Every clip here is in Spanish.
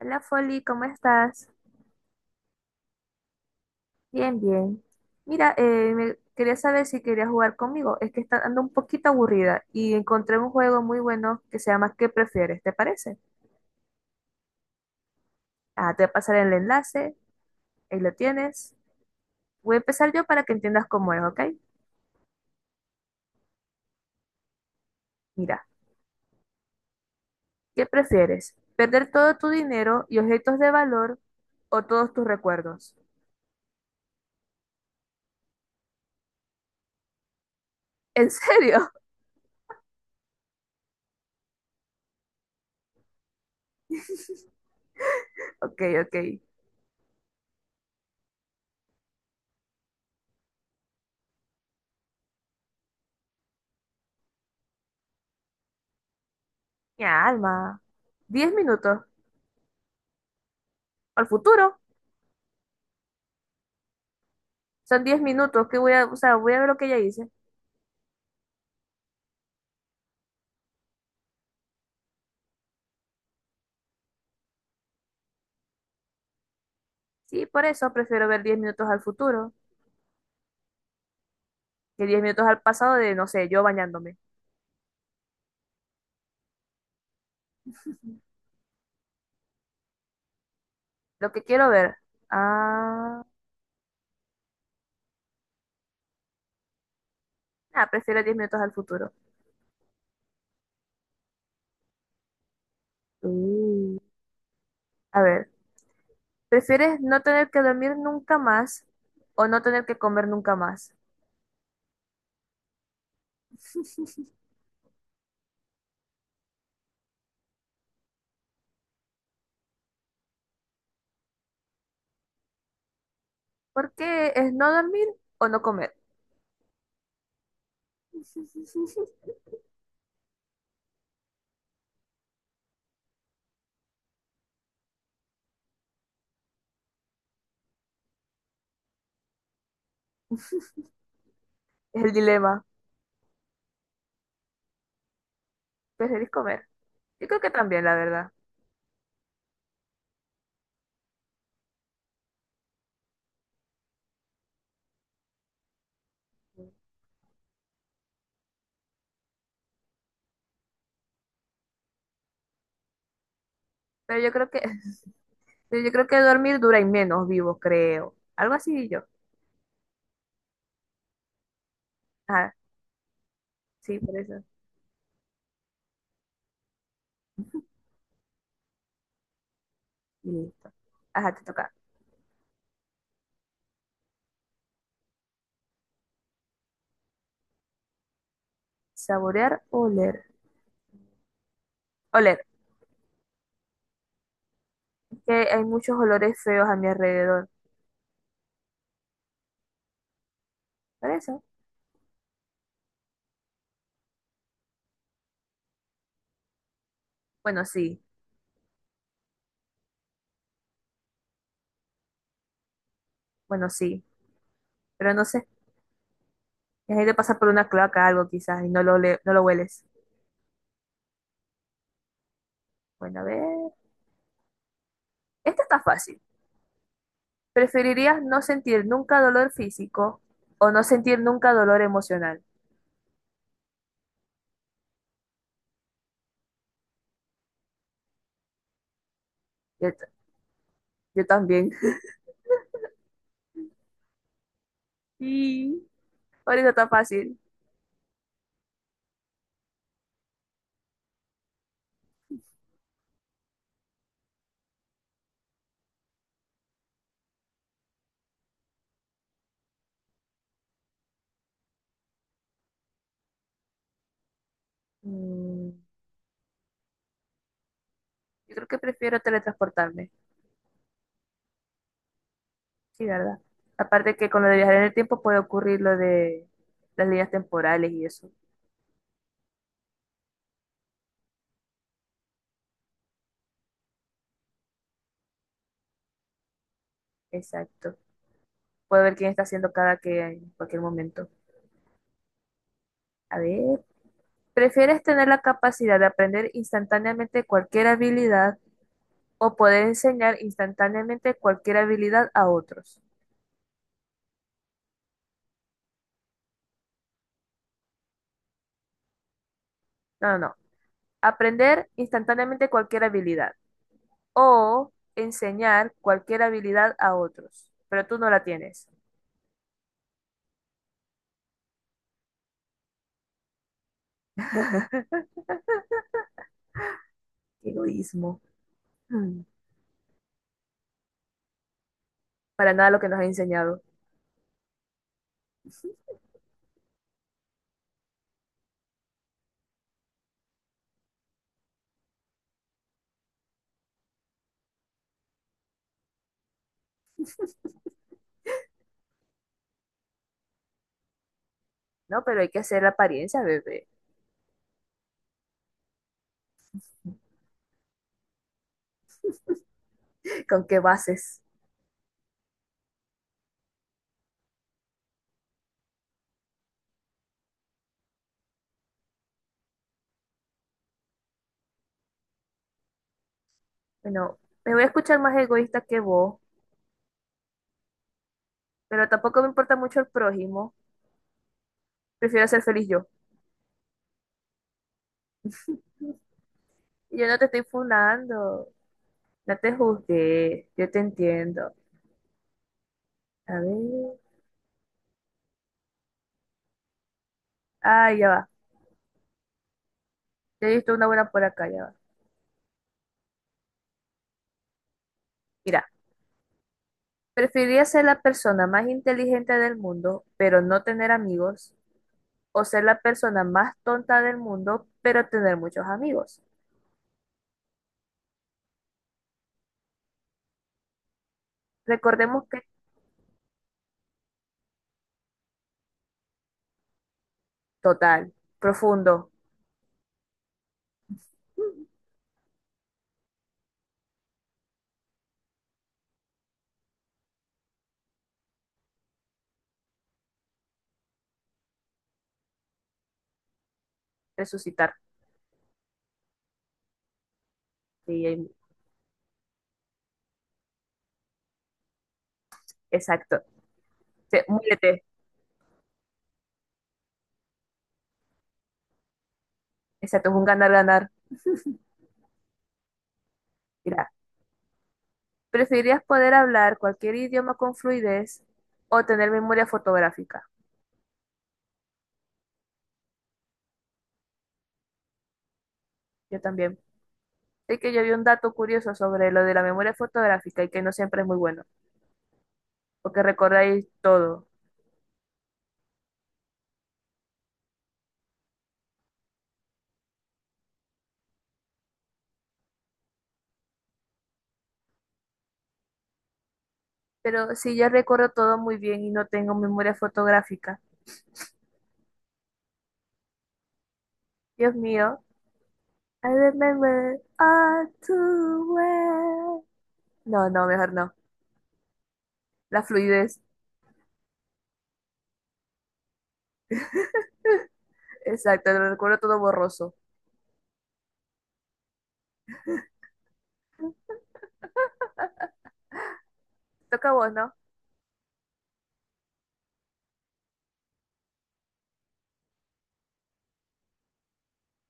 Hola Folly, ¿cómo estás? Bien, bien. Mira, quería saber si querías jugar conmigo. Es que está ando un poquito aburrida y encontré un juego muy bueno que se llama ¿Qué prefieres? ¿Te parece? Ah, te voy a pasar el enlace, ahí lo tienes. Voy a empezar yo para que entiendas cómo es, ¿ok? Mira, ¿qué prefieres? ¿Perder todo tu dinero y objetos de valor o todos tus recuerdos? ¿En serio? Ok, ok. Mi alma. 10 minutos. ¿Al futuro? Son 10 minutos que voy a, o sea, voy a ver lo que ella hice. Sí, por eso prefiero ver 10 minutos al futuro que 10 minutos al pasado de, no sé, yo bañándome. Lo que quiero ver. Ah, ah, prefiero 10 minutos al futuro. Mm. A ver, ¿prefieres no tener que dormir nunca más o no tener que comer nunca más? ¿Por qué es no dormir o no comer? Es el dilema. ¿Preferís comer? Yo creo que también, la verdad. Pero yo creo que, pero yo creo que dormir dura y menos vivo, creo. Algo así yo. Ajá, sí, por eso. Y listo. Ajá, te toca. Saborear o oler. Oler, que hay muchos olores feos a mi alrededor. ¿Por eso? Bueno, sí, bueno, sí. Pero no sé, la gente pasa por una cloaca algo quizás y no lo hueles. Bueno, a ver. Esta está fácil. ¿Preferirías no sentir nunca dolor físico o no sentir nunca dolor emocional? Yo, t- yo también. Sí. Por eso está fácil. Mm, yo creo que prefiero teletransportarme. Sí, ¿verdad? Aparte que con lo de viajar en el tiempo puede ocurrir lo de las líneas temporales y eso. Exacto. Puedo ver quién está haciendo cada que en cualquier momento. A ver, ¿prefieres tener la capacidad de aprender instantáneamente cualquier habilidad o poder enseñar instantáneamente cualquier habilidad a otros? No, no, no. Aprender instantáneamente cualquier habilidad o enseñar cualquier habilidad a otros, pero tú no la tienes. Egoísmo. Hmm, para nada lo que nos ha enseñado. No, pero hay que hacer la apariencia, bebé. ¿Con qué bases? Bueno, me voy a escuchar más egoísta que vos, pero tampoco me importa mucho el prójimo. Prefiero ser feliz yo. Y yo no te estoy funando, no te juzgué, yo te entiendo. A ver. Ah, ya va. Ya he visto una buena por acá, ya va. Mira, preferiría ser la persona más inteligente del mundo, pero no tener amigos, o ser la persona más tonta del mundo, pero tener muchos amigos. Recordemos que, total, profundo, mm, resucitar. Sí, ahí- exacto. Sí, muérete. Exacto, es un ganar-ganar. Mira. ¿Preferirías poder hablar cualquier idioma con fluidez o tener memoria fotográfica? Yo también. Es que yo vi un dato curioso sobre lo de la memoria fotográfica y que no siempre es muy bueno, porque recordáis todo. Pero si yo recuerdo todo muy bien y no tengo memoria fotográfica, Dios mío, I remember all too well. No, no, mejor no. La fluidez, exacto, lo recuerdo todo borroso. Te toca a vos, ¿no?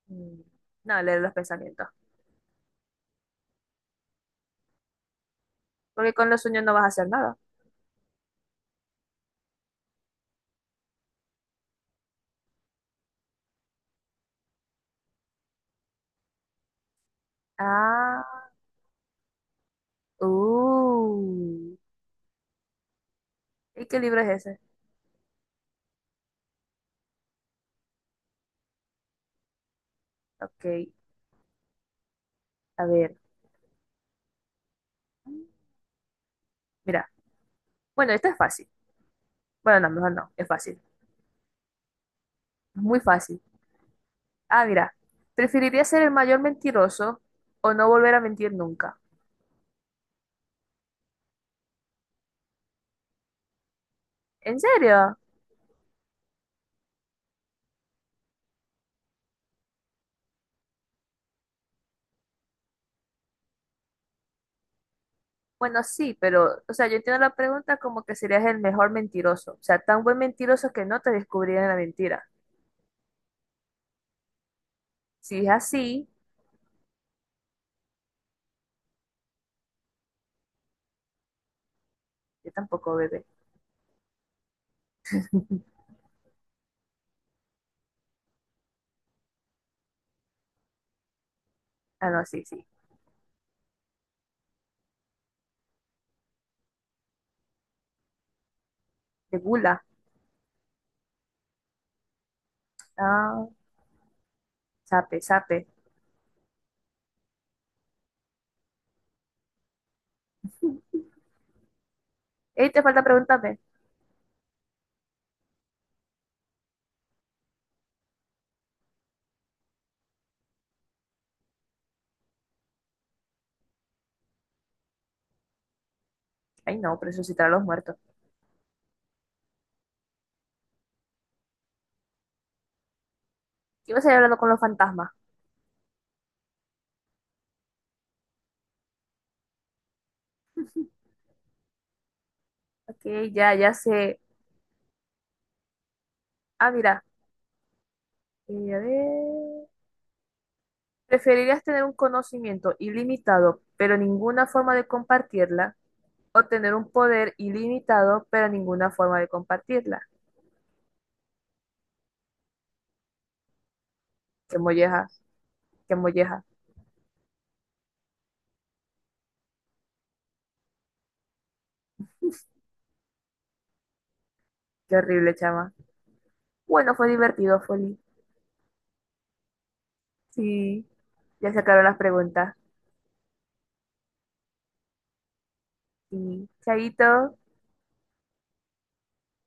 Mm, no, leer los pensamientos, porque con los sueños no vas a hacer nada. Ah. Uh, ¿Y qué libro es ese? Ok, a ver. Mira, bueno, esto es fácil. Bueno, no, mejor no, es fácil. Es muy fácil. Ah, mira, ¿preferiría ser el mayor mentiroso o no volver a mentir nunca? ¿En serio? Bueno, sí, pero, o sea, yo entiendo la pregunta como que serías el mejor mentiroso. O sea, tan buen mentiroso que no te descubrirían la mentira. Si es así, yo tampoco, bebé. Ah, no, sí, sí. De gula. Ah, sape, sape. Ey, te falta preguntarme. Ay, no, resucitar a los muertos. Iba a seguir hablando con los fantasmas. Ok, ya, ya sé. Ah, mira, a ver. ¿Preferirías tener un conocimiento ilimitado, pero ninguna forma de compartirla? ¿O tener un poder ilimitado, pero ninguna forma de compartirla? Qué molleja, qué molleja. Qué horrible, chama. Bueno, fue divertido, Foli. Sí, ya se acabaron las preguntas. Sí, chaito.